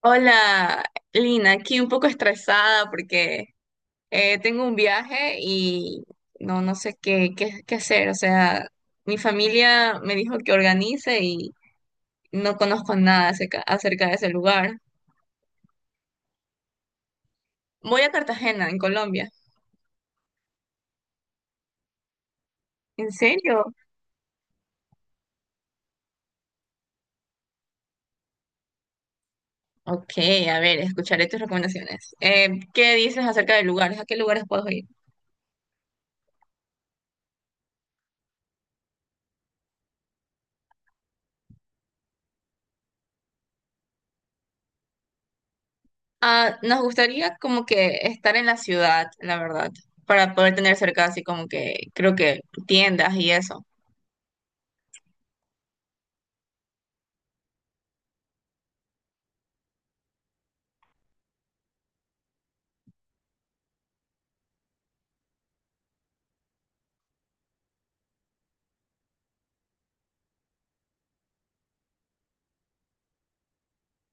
Hola, Lina, aquí un poco estresada porque tengo un viaje y no sé qué hacer. O sea, mi familia me dijo que organice y no conozco nada acerca de ese lugar. Voy a Cartagena, en Colombia. ¿En serio? Ok, a ver, escucharé tus recomendaciones. ¿Qué dices acerca de lugares? ¿A qué lugares puedo ir? Ah, nos gustaría como que estar en la ciudad, la verdad, para poder tener cerca así como que creo que tiendas y eso.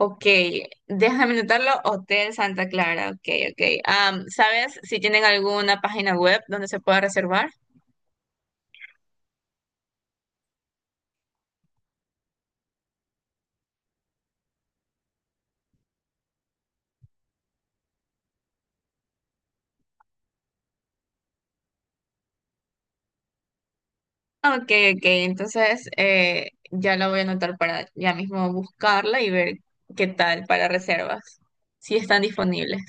Ok, déjame anotarlo, Hotel Santa Clara, ok, ok. ¿Sabes si tienen alguna página web donde se pueda reservar? Ok, ok, entonces ya la voy a anotar para ya mismo buscarla y ver qué tal para reservas, si están disponibles.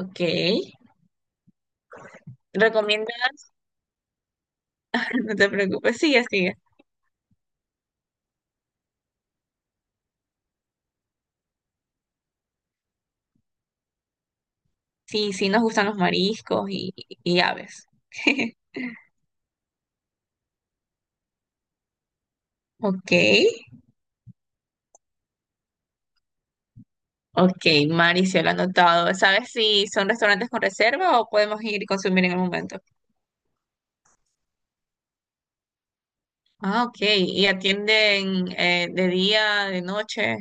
Ok, recomienda, no te preocupes, sigue, sigue. Sí, sí nos gustan los mariscos y aves. Ok. Ok, Mari se lo ha anotado. ¿Sabes si son restaurantes con reserva o podemos ir y consumir en el momento? Ah, ok. ¿Y atienden de día, de noche?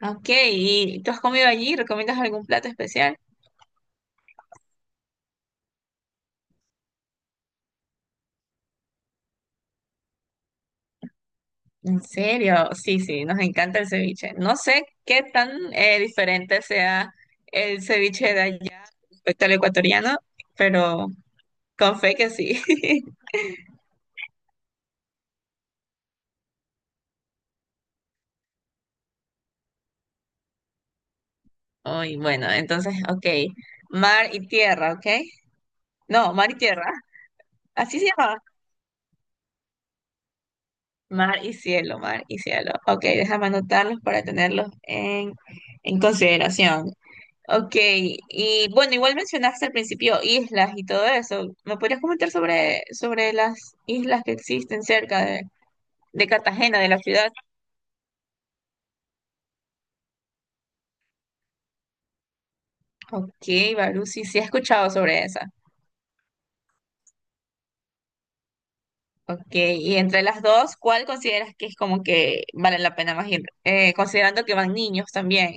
Ah, ok, ¿y tú has comido allí? ¿Recomiendas algún plato especial? ¿En serio? Sí, sí, nos encanta el ceviche. No sé qué tan diferente sea el ceviche de allá respecto al ecuatoriano, pero con fe que sí. Uy, bueno, entonces, ok. Mar y tierra, ¿ok? No, mar y tierra. Así se llama. Mar y cielo, mar y cielo. Ok, déjame anotarlos para tenerlos en consideración. Ok, y bueno, igual mencionaste al principio islas y todo eso. ¿Me podrías comentar sobre las islas que existen cerca de Cartagena, de la ciudad? Ok, Barú, sí, sí he escuchado sobre esa. Ok, y entre las dos, ¿cuál consideras que es como que vale la pena más ir? Considerando que van niños también.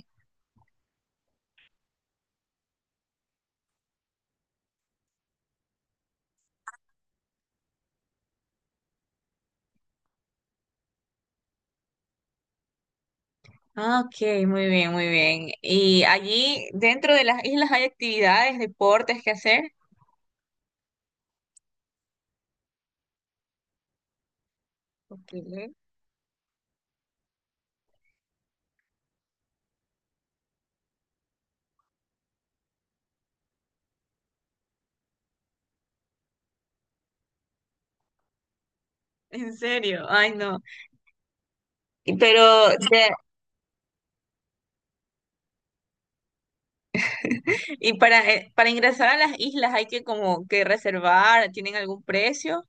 Ah, ok, muy bien, muy bien. ¿Y allí dentro de las islas hay actividades, deportes que hacer? Ok. ¿En serio? Ay, no. Y pero de- y para ingresar a las islas hay que como que reservar, ¿tienen algún precio?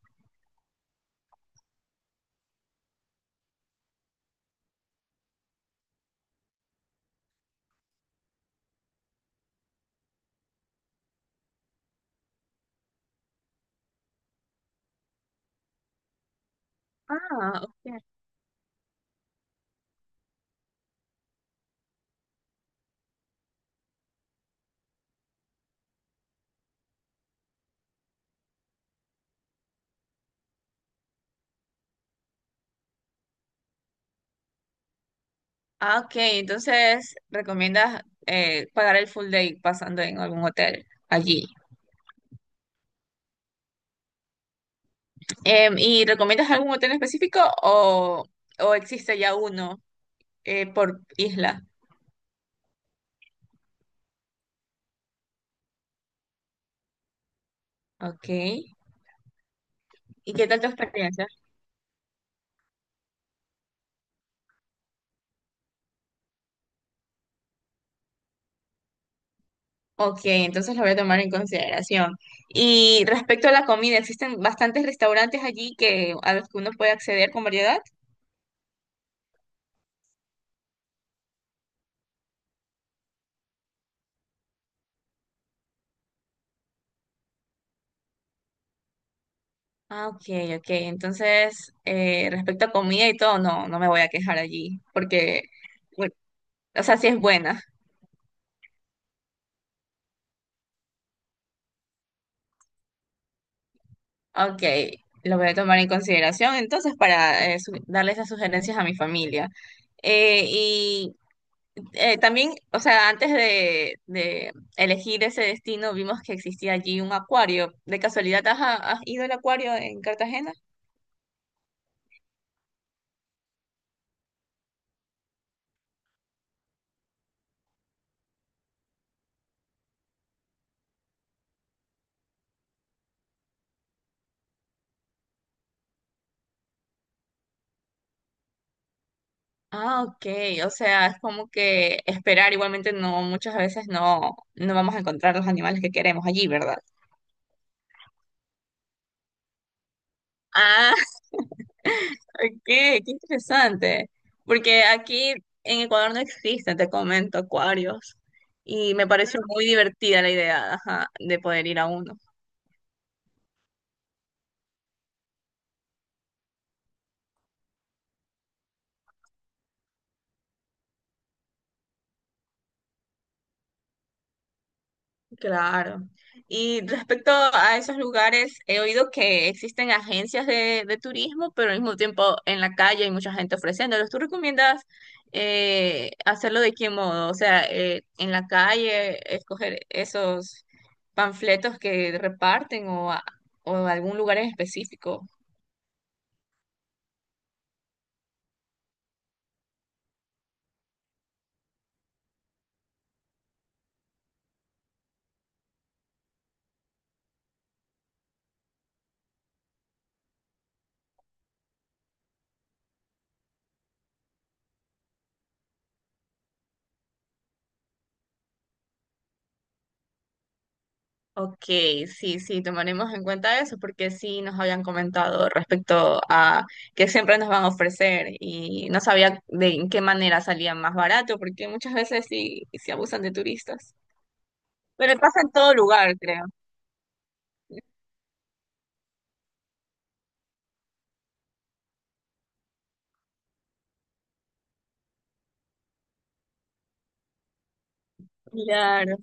Ah, ok. Ah, ok, entonces recomiendas pagar el full day pasando en algún hotel allí. Em, ¿y recomiendas algún hotel específico o existe ya uno por isla? Ok. ¿Y qué tal tu experiencia? Ok, entonces lo voy a tomar en consideración. Y respecto a la comida, ¿existen bastantes restaurantes allí que, a los que uno puede acceder con variedad? Ah, ok, ok. Entonces, respecto a comida y todo, no me voy a quejar allí, porque, bueno, o sea, sí es buena. Ok, lo voy a tomar en consideración entonces para darle esas sugerencias a mi familia. Eh, y También, o sea, antes de elegir ese destino, vimos que existía allí un acuario. ¿De casualidad has ido al acuario en Cartagena? Ah, ok. O sea, es como que esperar igualmente no, muchas veces no vamos a encontrar los animales que queremos allí, ¿verdad? Ah, ok, qué interesante. Porque aquí en Ecuador no existen, te comento, acuarios. Y me pareció muy divertida la idea, ajá, de poder ir a uno. Claro. Y respecto a esos lugares, he oído que existen agencias de turismo, pero al mismo tiempo en la calle hay mucha gente ofreciéndolos. ¿Tú recomiendas hacerlo de qué modo? O sea, en la calle, escoger esos panfletos que reparten o algún lugar en específico. Ok, sí, sí, tomaremos en cuenta eso porque sí nos habían comentado respecto a que siempre nos van a ofrecer y no sabía de en qué manera salía más barato porque muchas veces sí se abusan de turistas. Pero pasa en todo lugar, creo. Claro.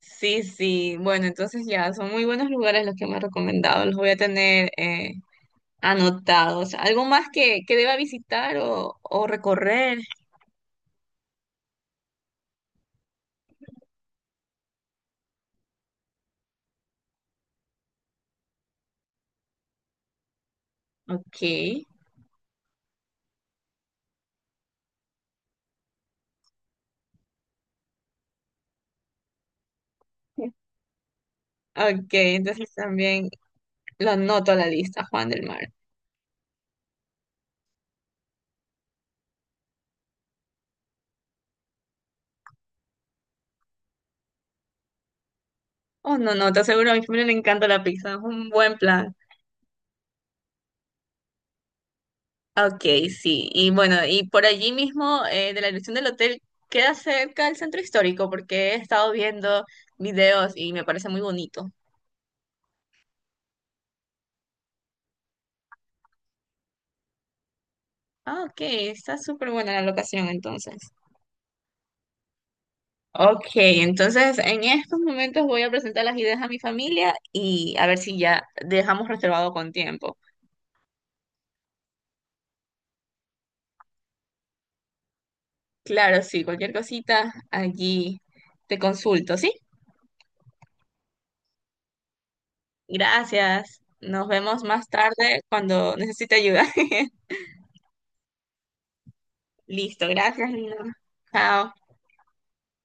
Sí, sí. Bueno, entonces ya son muy buenos lugares los que me han recomendado. Los voy a tener anotados. ¿Algo más que deba visitar o recorrer? Ok. Ok, entonces también lo anoto a la lista, Juan del Mar. Oh, no, no, te aseguro, a mi familia le encanta la pizza, es un buen plan. Ok, sí. Y bueno, y por allí mismo, de la dirección del hotel, queda cerca del centro histórico, porque he estado viendo videos y me parece muy bonito. Ah, ok, está súper buena la locación entonces. Ok, entonces en estos momentos voy a presentar las ideas a mi familia y a ver si ya dejamos reservado con tiempo. Claro, sí, cualquier cosita allí te consulto, ¿sí? Gracias. Nos vemos más tarde cuando necesite ayuda. Listo, gracias, Lina. Chao.